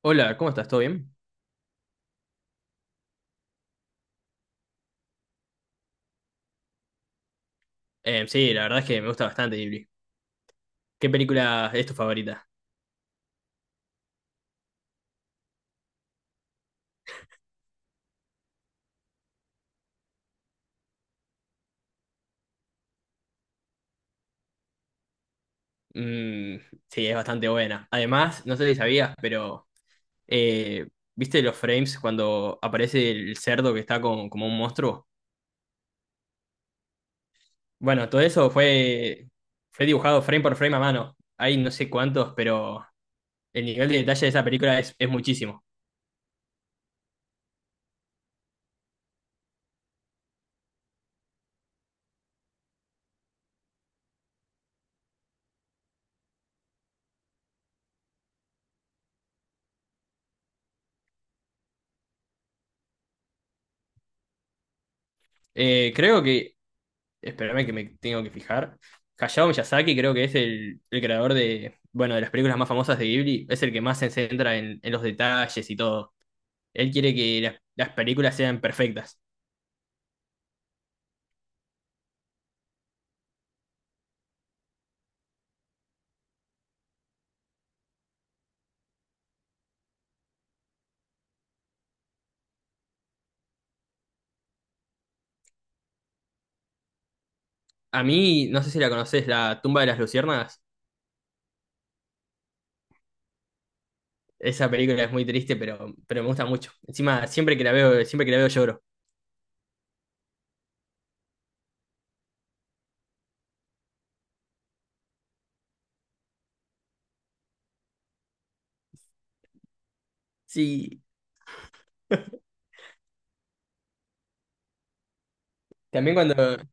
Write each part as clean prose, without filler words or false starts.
Hola, ¿cómo estás? ¿Todo bien? Sí, la verdad es que me gusta bastante Ghibli. ¿Qué película es tu favorita? Mm, sí, es bastante buena. Además, no sé si sabías, pero eh, ¿viste los frames cuando aparece el cerdo que está como un monstruo? Bueno, todo eso fue dibujado frame por frame a mano. Hay no sé cuántos, pero el nivel de detalle de esa película es muchísimo. Creo que espérame que me tengo que fijar. Hayao Miyazaki creo que es el creador de, bueno, de las películas más famosas de Ghibli, es el que más se centra en los detalles y todo. Él quiere que las películas sean perfectas. A mí, no sé si la conoces, La tumba de las luciérnagas. Esa película es muy triste, pero me gusta mucho. Encima, siempre que la veo, siempre que la veo lloro. Sí, también cuando,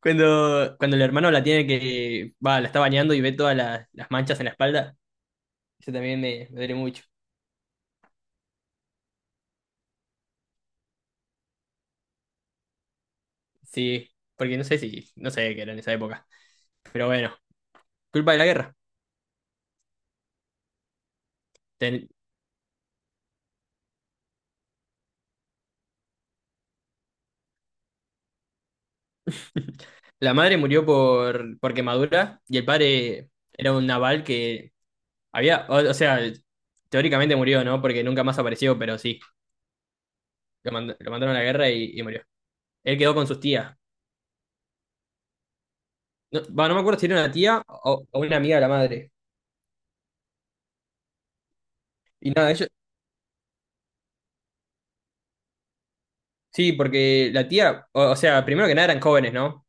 cuando el hermano la tiene que, va, la está bañando y ve todas las manchas en la espalda, eso también me duele mucho. Sí, porque no sé si, no sé qué era en esa época. Pero bueno, culpa de la guerra. Ten- La madre murió por quemadura y el padre era un naval que había, o sea, teóricamente murió, ¿no? Porque nunca más apareció, pero sí, lo mandaron a la guerra y murió. Él quedó con sus tías. No, va, no me acuerdo si era una tía o una amiga de la madre. Y nada, ellos, sí, porque la tía, o sea, primero que nada eran jóvenes, ¿no?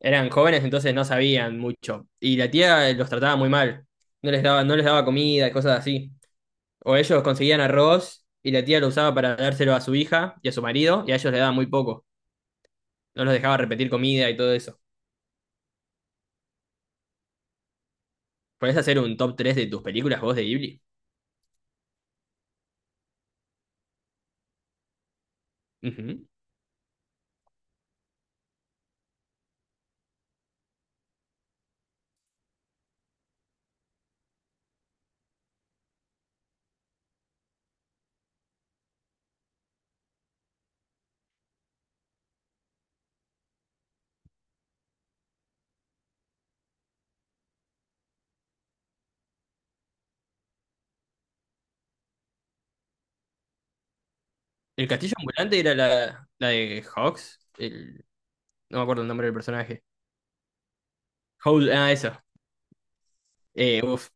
Eran jóvenes, entonces no sabían mucho. Y la tía los trataba muy mal. No les daba comida, cosas así. O ellos conseguían arroz y la tía lo usaba para dárselo a su hija y a su marido, y a ellos le daba muy poco. No los dejaba repetir comida y todo eso. ¿Podés hacer un top tres de tus películas vos de Ghibli? Ujú. El castillo ambulante era la de Hawks. No me acuerdo el nombre del personaje. Ah, eso. Uf.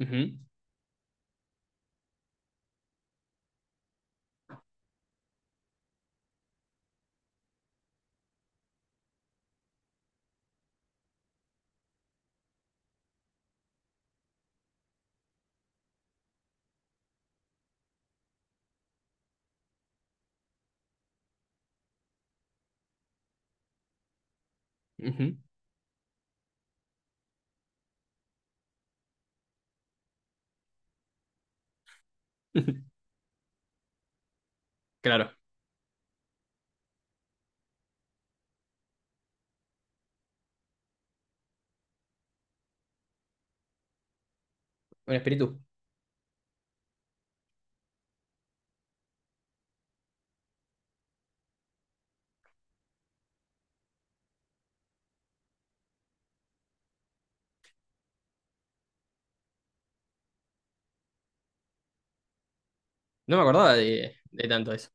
Ujú, ujú. Claro, un espíritu. No me acordaba de tanto eso.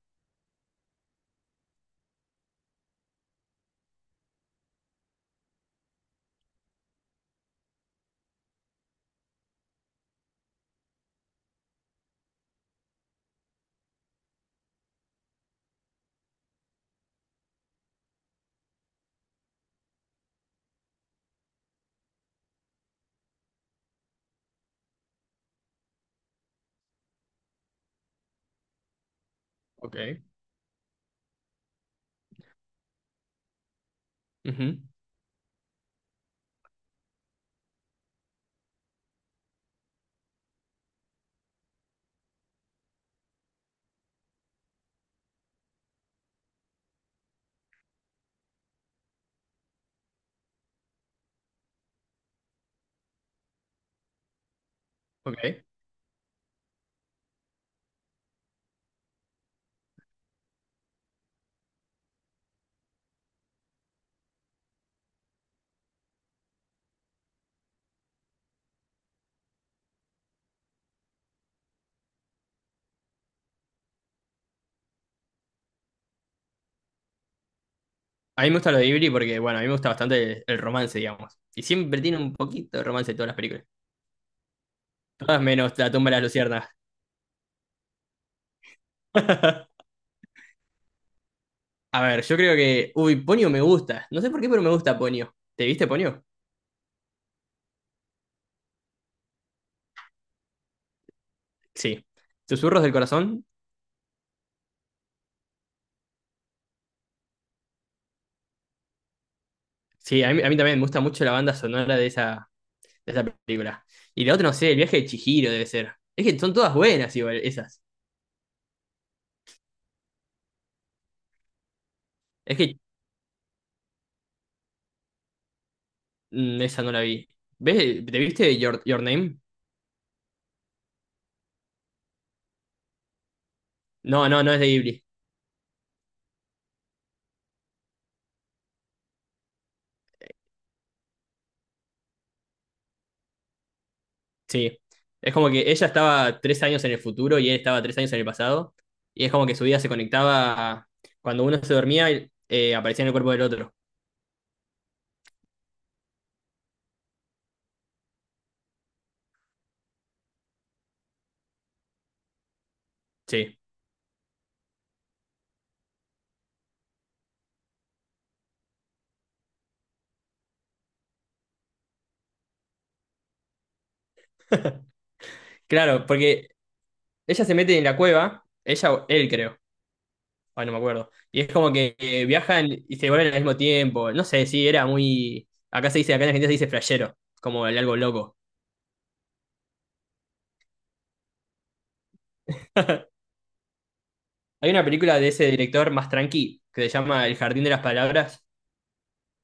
Ok. Ujú. Ok. A mí me gusta lo de Ghibli porque, bueno, a mí me gusta bastante el romance, digamos. Y siempre tiene un poquito de romance en todas las películas. Todas menos La tumba de las luciernas. A ver, yo creo que... Uy, Ponyo me gusta. No sé por qué, pero me gusta Ponyo. ¿Te viste Ponyo? Sí. Susurros del corazón. Sí, a mí también me gusta mucho la banda sonora de esa película. Y la otra, no sé, El viaje de Chihiro debe ser. Es que son todas buenas igual, esas. Es que esa no la vi. ¿Ves? ¿Te viste Your Name? No, no, no es de Ghibli. Sí, es como que ella estaba 3 años en el futuro y él estaba 3 años en el pasado, y es como que su vida se conectaba cuando uno se dormía, aparecía en el cuerpo del otro. Sí, claro, porque ella se mete en la cueva, ella o él creo, ah, no me acuerdo, y es como que viajan y se vuelven al mismo tiempo, no sé, sí, era muy, acá se dice, acá en Argentina se dice flashero, como el algo loco. Hay una película de ese director más tranqui, que se llama El Jardín de las Palabras,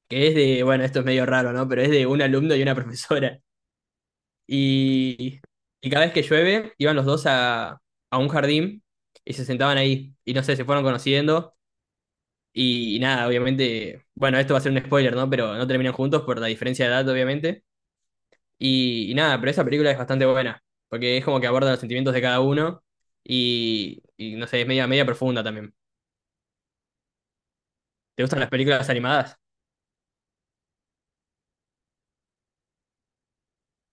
que es de, bueno, esto es medio raro, ¿no? Pero es de un alumno y una profesora. Y, y cada vez que llueve, iban los dos a un jardín y se sentaban ahí. Y no sé, se fueron conociendo. Y nada, obviamente, bueno, esto va a ser un spoiler, ¿no? Pero no terminan juntos por la diferencia de edad, obviamente. Y nada, pero esa película es bastante buena, porque es como que aborda los sentimientos de cada uno y no sé, es media, media profunda también. ¿Te gustan las películas animadas?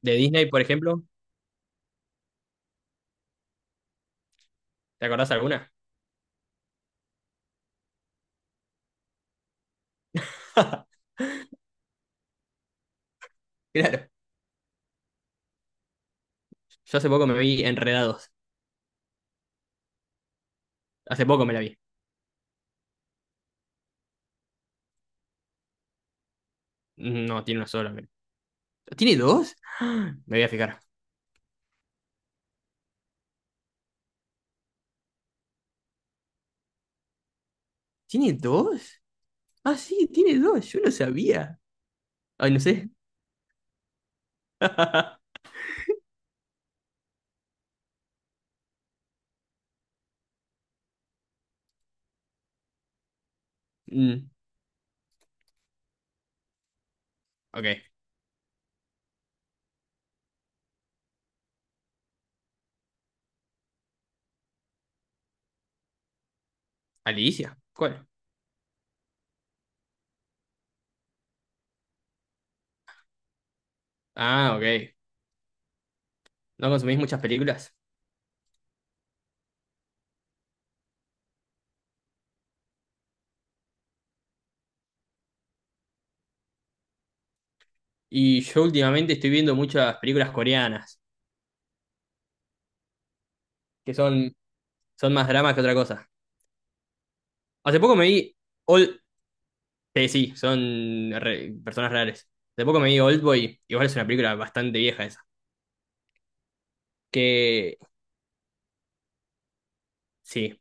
De Disney, por ejemplo, ¿te acordás alguna? Claro, yo hace poco me vi Enredados. Hace poco me la vi. No, tiene una sola. ¿Tiene dos? Me voy a fijar. ¿Tiene dos? Ah, sí, tiene dos. Yo no sabía. Ay, no sé. Mm, ok. Alicia. ¿Cuál? Ah, ok. ¿No consumís muchas películas? Y yo últimamente estoy viendo muchas películas coreanas, que son más dramas que otra cosa. Hace poco me vi, Old... sí, son personas reales. Hace poco me vi Oldboy. Igual es una película bastante vieja esa. Que sí,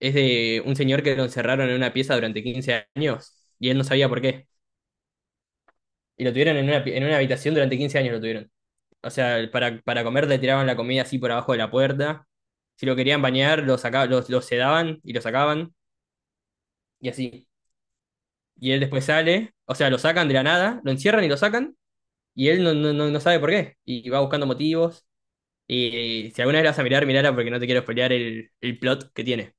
es de un señor que lo encerraron en una pieza durante 15 años y él no sabía por qué. Y lo tuvieron en una habitación durante 15 años lo tuvieron. O sea, para comer le tiraban la comida así por abajo de la puerta. Si lo querían bañar, lo saca, lo sedaban y lo sacaban. Y así. Y él después sale. O sea, lo sacan de la nada, lo encierran y lo sacan. Y él no sabe por qué. Y va buscando motivos. Y si alguna vez la vas a mirar, mirala porque no te quiero spoilear el plot que tiene.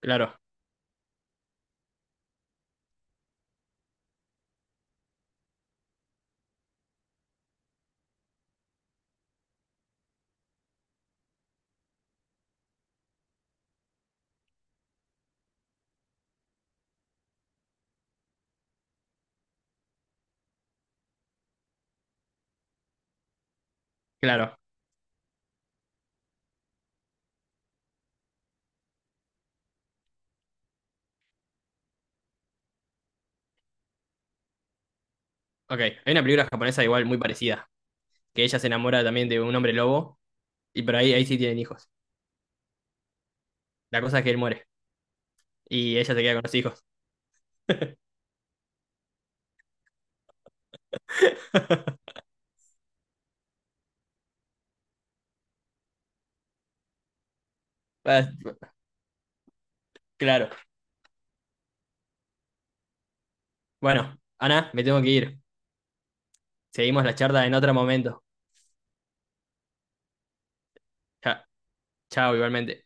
Claro, claro. Ok. Hay una película japonesa igual muy parecida. Que ella se enamora también de un hombre lobo. Y por ahí, ahí sí tienen hijos. La cosa es que él muere. Y ella se queda con los hijos. Ah, claro. Bueno, Ana, me tengo que ir. Seguimos la charla en otro momento. Cha- Chao, igualmente.